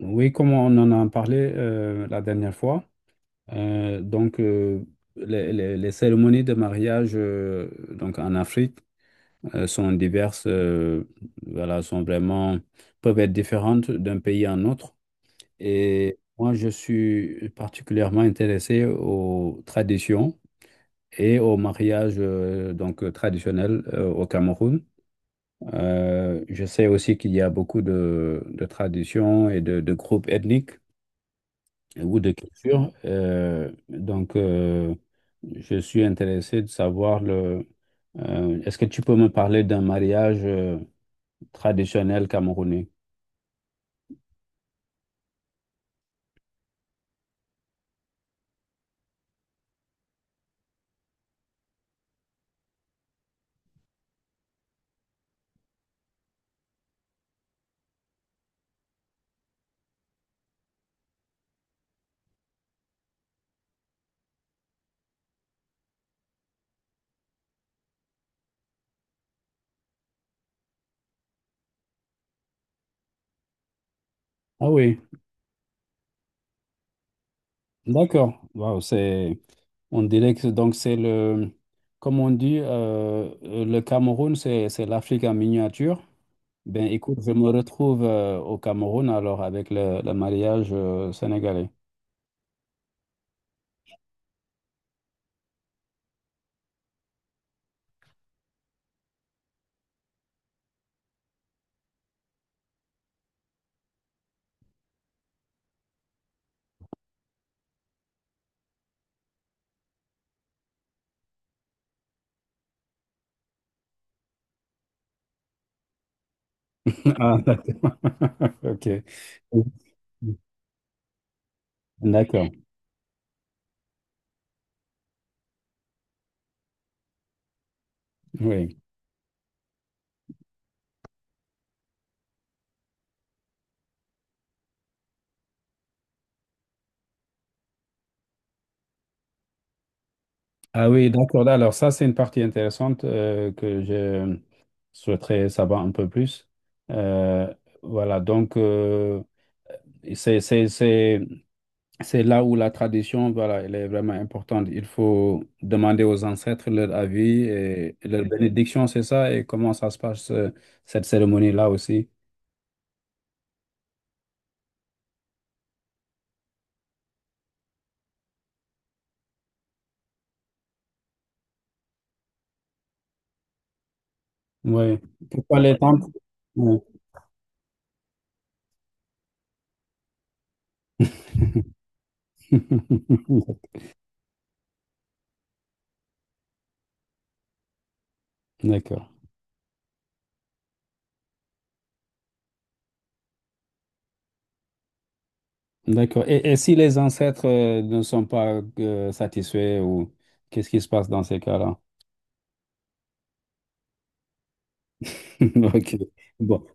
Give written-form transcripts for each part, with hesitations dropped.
Oui, comme on en a parlé la dernière fois, euh, donc euh, les cérémonies de mariage donc en Afrique sont diverses, voilà, sont vraiment peuvent être différentes d'un pays à un autre. Et moi, je suis particulièrement intéressé aux traditions et au mariage donc traditionnel au Cameroun. Je sais aussi qu'il y a beaucoup de traditions et de groupes ethniques. Ou de culture. Je suis intéressé de savoir le. Est-ce que tu peux me parler d'un mariage traditionnel camerounais? Ah oui, d'accord. Wow, c'est. On dirait que donc c'est le. Comme on dit, le Cameroun, c'est l'Afrique en miniature. Ben écoute, je me retrouve au Cameroun alors avec le mariage sénégalais. Ah, d'accord. Ok. D'accord. Oui. Ah oui, d'accord. Alors ça, c'est une partie intéressante que je souhaiterais savoir un peu plus. Euh, voilà, donc euh, c'est, c'est, c'est- C'est là où la tradition, voilà, elle est vraiment importante. Il faut demander aux ancêtres leur avis et leur bénédiction, c'est ça, et comment ça se passe, cette cérémonie-là aussi. Oui. Pourquoi les temples? Ouais. D'accord. D'accord. Et si les ancêtres ne sont pas satisfaits ou qu'est-ce qui se passe dans ces cas-là? Ok. Bon.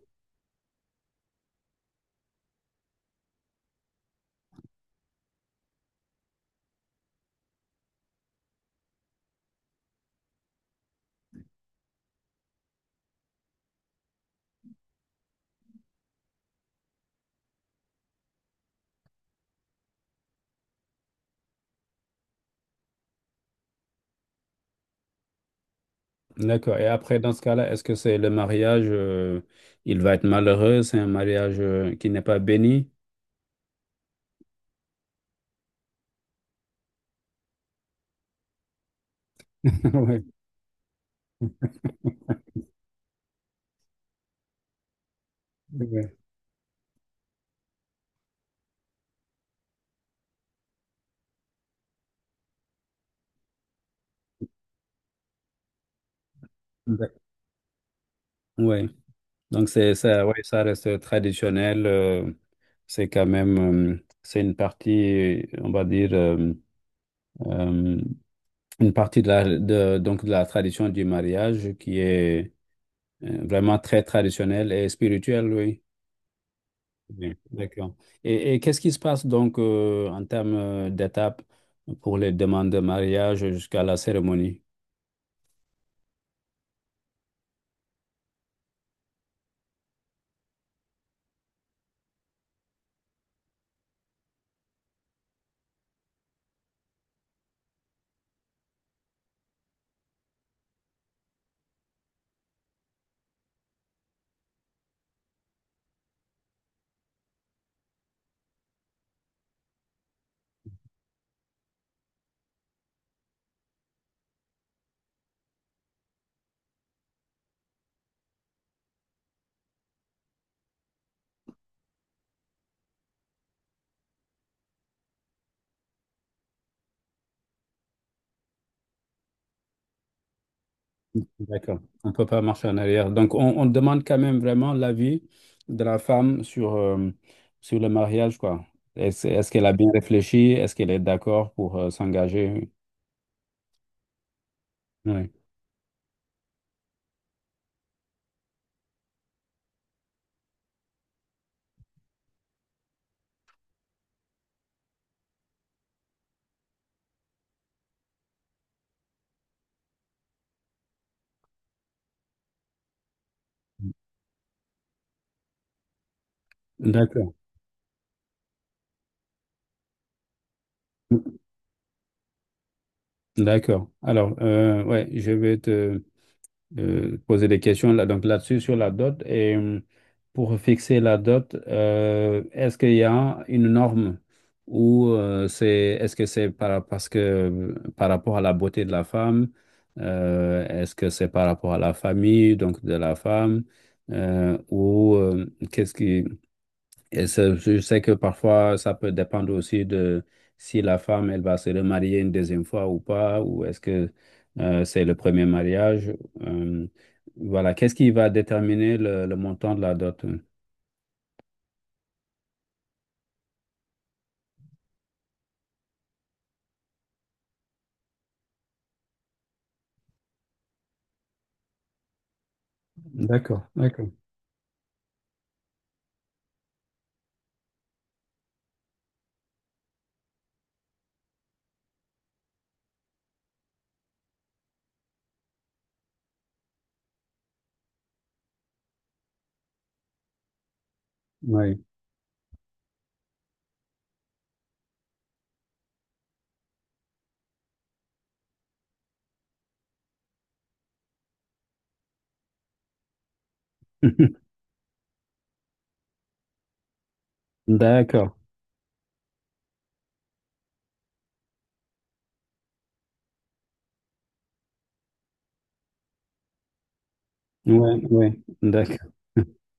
D'accord. Et après, dans ce cas-là, est-ce que c'est le mariage, il va être malheureux, c'est un mariage qui n'est pas béni? Ouais. Ouais. Ouais. Ouais. Donc c'est ça, ouais, ça reste traditionnel. C'est quand même, c'est une partie, on va dire, euh, une partie de la, de, donc de la tradition du mariage qui est vraiment très traditionnelle et spirituelle, oui. Oui, d'accord. Et qu'est-ce qui se passe donc en termes d'étapes pour les demandes de mariage jusqu'à la cérémonie? D'accord. On ne peut pas marcher en arrière. Donc, on demande quand même vraiment l'avis de la femme sur, sur le mariage, quoi. Est-ce qu'elle a bien réfléchi? Est-ce qu'elle est d'accord pour s'engager? Oui. D'accord. D'accord. Alors, ouais, je vais te, poser des questions là, donc là-dessus sur la dot. Et pour fixer la dot, est-ce qu'il y a une norme ou c'est est-ce que c'est par, parce que par rapport à la beauté de la femme, est-ce que c'est par rapport à la famille donc de la femme ou qu'est-ce qui et ça, je sais que parfois, ça peut dépendre aussi de si la femme, elle va se remarier une deuxième fois ou pas, ou est-ce que c'est le premier mariage. Euh, voilà, qu'est-ce qui va déterminer le montant de la dot? D'accord, d'accord. Oui. D'accord. Oui, oui, d'accord.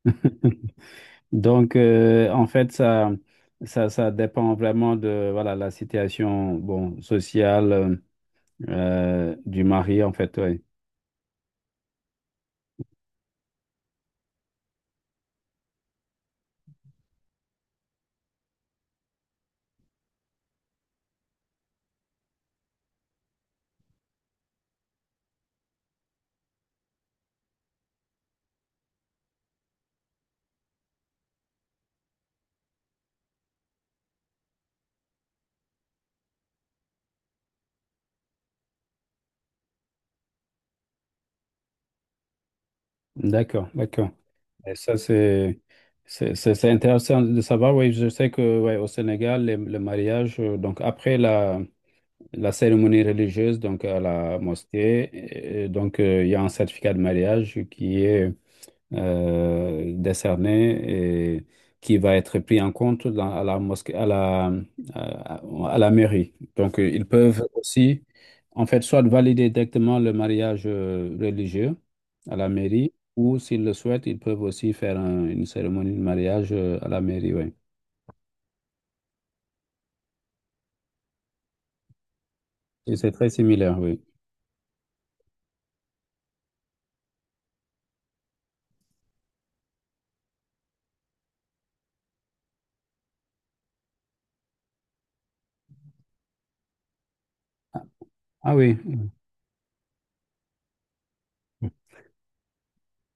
Donc, en fait, ça dépend vraiment de voilà, la situation bon, sociale du mari, en fait. Ouais. D'accord, d'accord. Et ça, c'est c'est intéressant de savoir. Oui, je sais que ouais, au Sénégal, le mariage, donc après la, la cérémonie religieuse, donc à la mosquée, et donc il y a un certificat de mariage qui est décerné et qui va être pris en compte dans- à la mosquée, à, à la mairie. Donc, ils peuvent aussi, en fait, soit valider directement le mariage religieux à la mairie, ou s'ils le souhaitent, ils peuvent aussi faire une cérémonie de mariage à la mairie, oui. Et c'est très similaire, oui. Ah oui,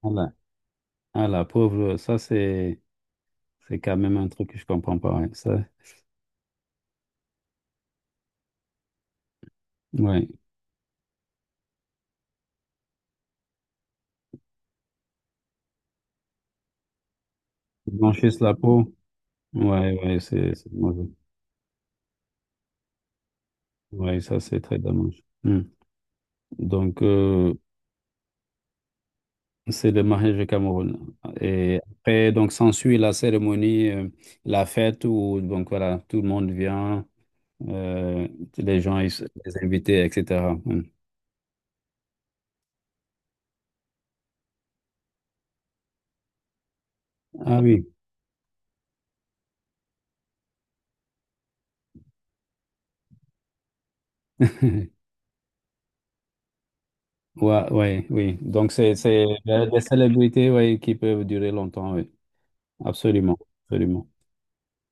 voilà. Ah la pauvre, ça c'est quand même un truc que je comprends pas. Ouais. Ça, ouais. Ils blanchissent la peau. Ouais, ouais, c'est mauvais. Oui, ça c'est très dommage. Hmm. Donc, c'est le mariage au Cameroun. Et après, donc, s'ensuit la cérémonie, la fête où, donc, voilà, tout le monde vient, euh, les gens, ils les invités, etc. Hmm. Ah oui, ouais, ouais, oui. Donc, c'est des célébrités, ouais, qui peuvent durer longtemps, oui. Absolument, absolument.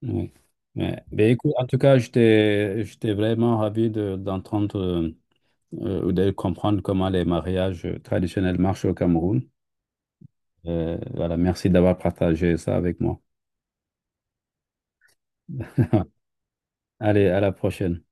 Oui. Mais écoute, en tout cas, j'étais vraiment ravi de- d'entendre. Ou de comprendre comment les mariages traditionnels marchent au Cameroun. Voilà, merci d'avoir partagé ça avec moi. Allez, à la prochaine.